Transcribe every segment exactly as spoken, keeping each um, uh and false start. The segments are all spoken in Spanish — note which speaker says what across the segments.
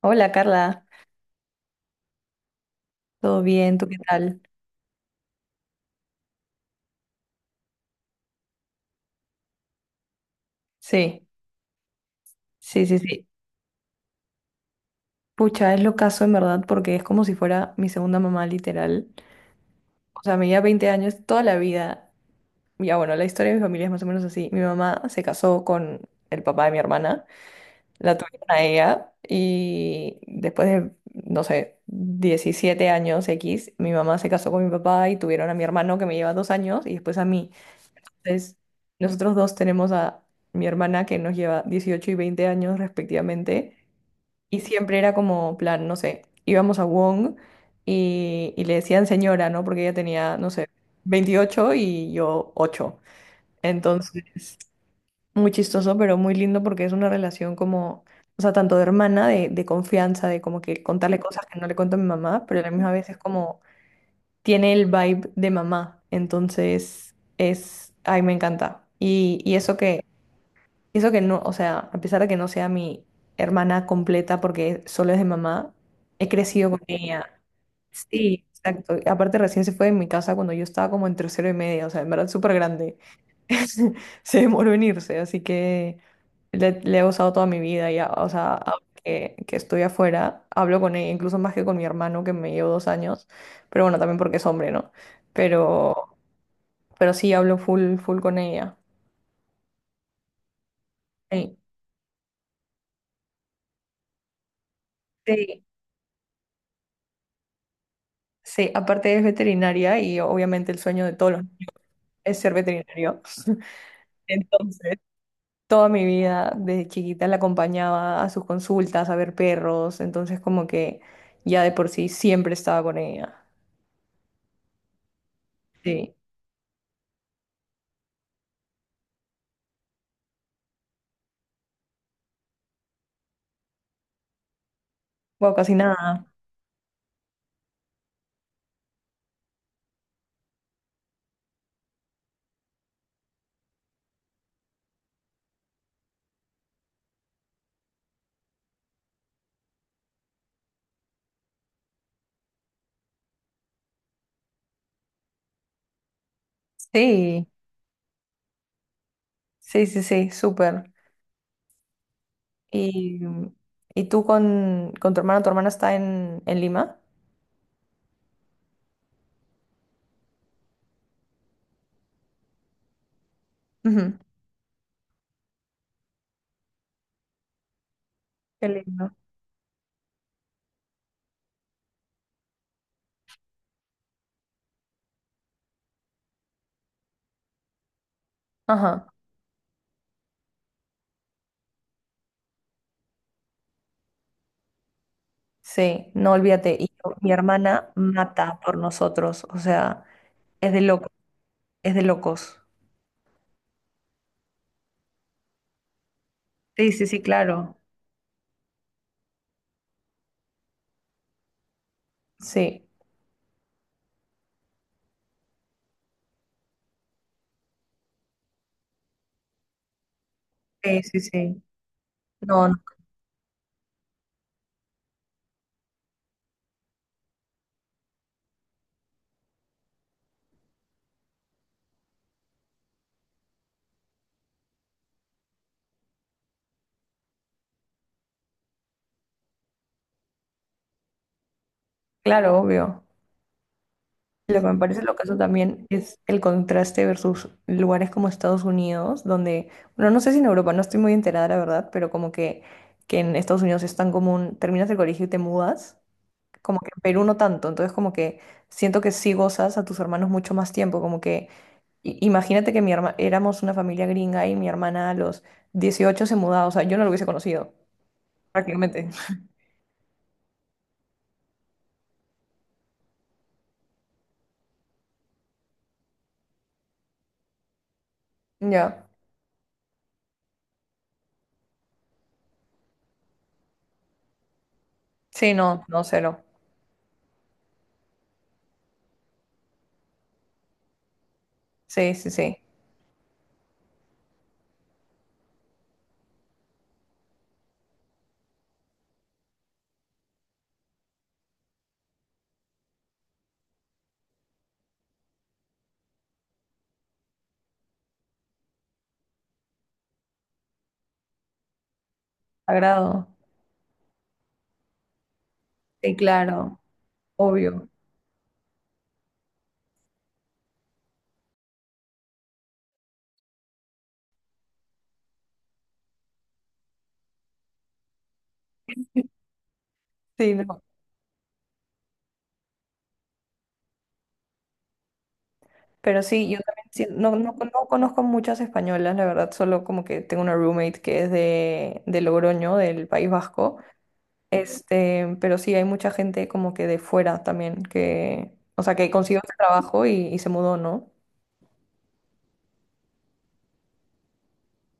Speaker 1: Hola Carla, ¿todo bien? ¿Tú qué tal? Sí, sí, sí, sí. Pucha, es lo caso en verdad porque es como si fuera mi segunda mamá literal. O sea, me lleva veinte años toda la vida. Ya bueno, la historia de mi familia es más o menos así. Mi mamá se casó con el papá de mi hermana, la tuvieron a ella y después de, no sé, diecisiete años X, mi mamá se casó con mi papá y tuvieron a mi hermano que me lleva dos años y después a mí. Entonces, nosotros dos tenemos a mi hermana que nos lleva dieciocho y veinte años respectivamente, y siempre era como plan, no sé, íbamos a Wong y, y le decían señora, ¿no? Porque ella tenía, no sé, veintiocho y yo ocho. Entonces, muy chistoso, pero muy lindo porque es una relación como, o sea, tanto de hermana, de, de confianza, de como que contarle cosas que no le cuento a mi mamá, pero a la misma vez es como tiene el vibe de mamá. Entonces, es, ay, me encanta. Y, y eso que, eso que no, o sea, a pesar de que no sea mi hermana completa porque solo es de mamá, he crecido con ella. Sí, exacto. Y aparte recién se fue de mi casa cuando yo estaba como en tercero y media, o sea, en verdad súper grande. Se demoró en irse, así que le, le he usado toda mi vida ya, o sea, ahora que, que estoy afuera, hablo con ella, incluso más que con mi hermano que me llevo dos años, pero bueno, también porque es hombre, ¿no? Pero, pero sí hablo full, full con ella. Sí, sí, sí, aparte es veterinaria y obviamente el sueño de todos los niños es ser veterinario. Entonces, toda mi vida, desde chiquita la acompañaba a sus consultas, a ver perros, entonces como que ya de por sí siempre estaba con ella. Sí, bueno, casi nada. Sí, sí, sí, sí, súper. ¿Y, y tú con, con tu hermana? ¿Tu hermana está en, en Lima? Ujú. Qué lindo. Ajá, sí, no olvídate. Y yo- mi hermana mata por nosotros, o sea, es de locos, es de locos. Sí, sí, sí, claro. Sí, sí, sí, sí. No, no, claro, obvio. Lo que me parece lo caso también es el contraste versus lugares como Estados Unidos, donde, bueno, no sé si en Europa, no estoy muy enterada, la verdad, pero como que, que en Estados Unidos es tan común, terminas el colegio y te mudas, como que en Perú no tanto, entonces como que siento que sí gozas a tus hermanos mucho más tiempo, como que i- imagínate que mi herma, éramos una familia gringa y mi hermana a los dieciocho se mudaba, o sea, yo no lo hubiese conocido, prácticamente. Ya. Sí, no, no, cero. Sí, sí, sí. Agrado. Sí, claro, obvio. Sí, no, pero sí, yo también sí. No, no, no conozco muchas españolas, la verdad, solo como que tengo una roommate que es de, de Logroño, del País Vasco. Este, pero sí, hay mucha gente como que de fuera también, que, o sea, que consiguió este trabajo y, y se mudó, ¿no?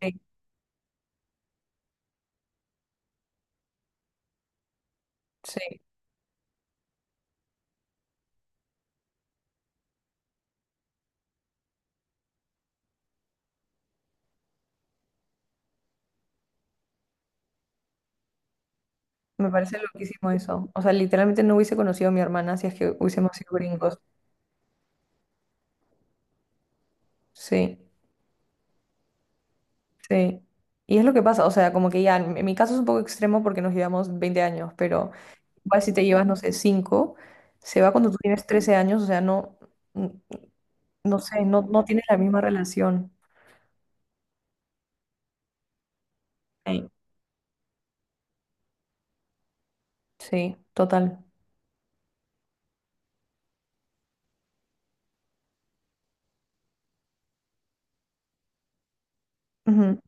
Speaker 1: Sí, sí, me parece loquísimo eso. O sea, literalmente no hubiese conocido a mi hermana si es que hubiésemos sido gringos. Sí, sí. Y es lo que pasa, o sea, como que ya, en mi caso es un poco extremo porque nos llevamos veinte años, pero, igual si te llevas, no sé, cinco, se va cuando tú tienes trece años, o sea, no, n- no sé, no, no tienes la misma relación. Ey, sí, total. Ujú,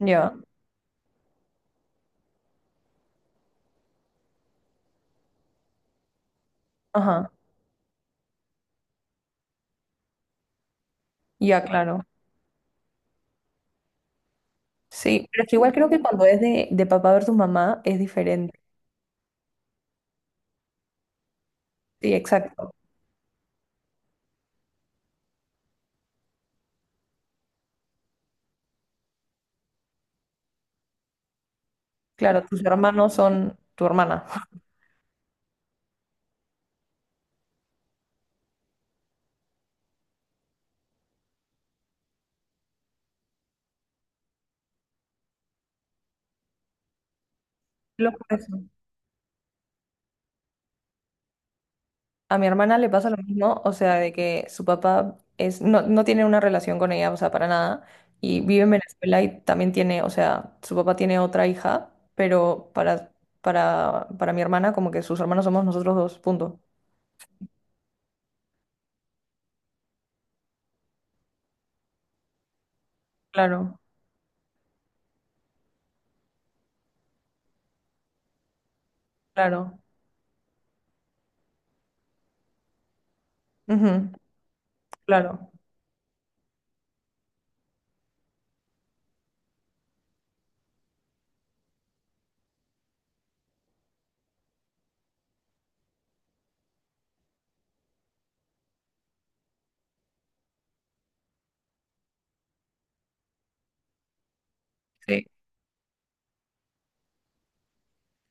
Speaker 1: ya, ajá, ya, claro. Sí, pero es que igual creo que cuando es de, de papá versus mamá es diferente. Sí, exacto. Claro, tus hermanos son tu hermana. Lo por eso. A mi hermana le pasa lo mismo, o sea, de que su papá es, no, no tiene una relación con ella, o sea, para nada, y vive en Venezuela y también tiene, o sea, su papá tiene otra hija, pero para, para, para mi hermana como que sus hermanos somos nosotros dos, punto. Claro, claro, ujú, claro, sí,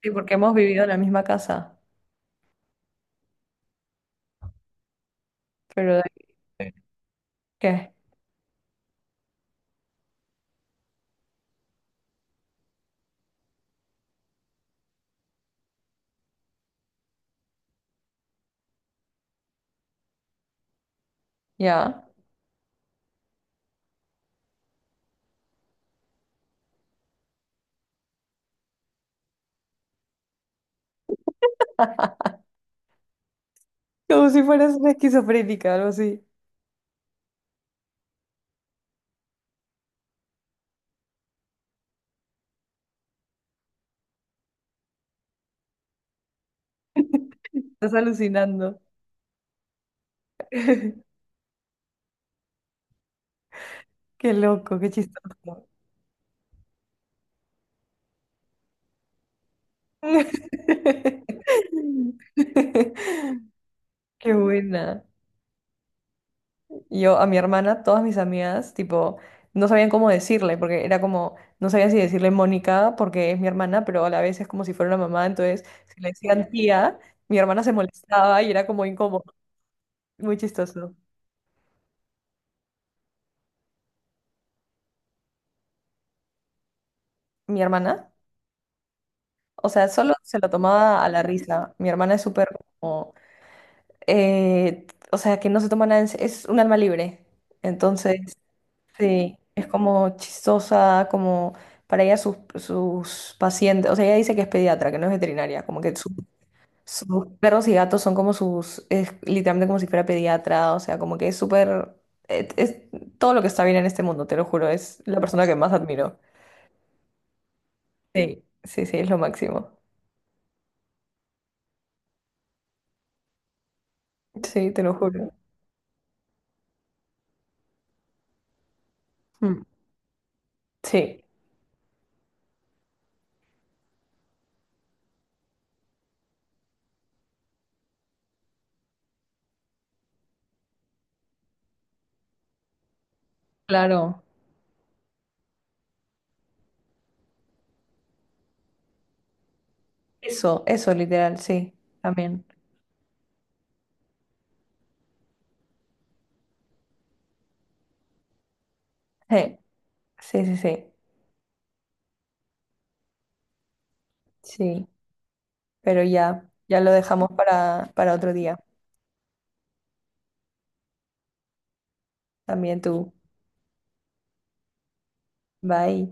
Speaker 1: sí, porque hemos vivido en la misma casa, pero de ahí que, ya, como si fueras una esquizofrénica, algo así, estás alucinando. Qué loco, qué chistoso. Qué buena. Yo a mi hermana, todas mis amigas, tipo, no sabían cómo decirle, porque era como, no sabía si decirle Mónica, porque es mi hermana, pero a la vez es como si fuera una mamá, entonces si le decían tía, mi hermana se molestaba y era como incómodo, muy chistoso. Mi hermana, o sea, solo se lo tomaba a la risa. Mi hermana es súper como, eh, o sea, que no se toma nada, en se- es un alma libre. Entonces, sí, es como chistosa, como para ella sus, sus pacientes, o sea, ella dice que es pediatra, que no es veterinaria, como que su- sus perros y gatos son como sus, es literalmente como si fuera pediatra, o sea, como que es súper, es, es todo lo que está bien en este mundo, te lo juro, es la persona que más admiro. Sí, sí, sí, es lo máximo. Sí, te lo juro. Mm, sí, claro. Eso, eso, literal, sí, también. Sí, sí, sí, sí, sí, pero ya, ya lo dejamos para, para otro día. También tú. Bye.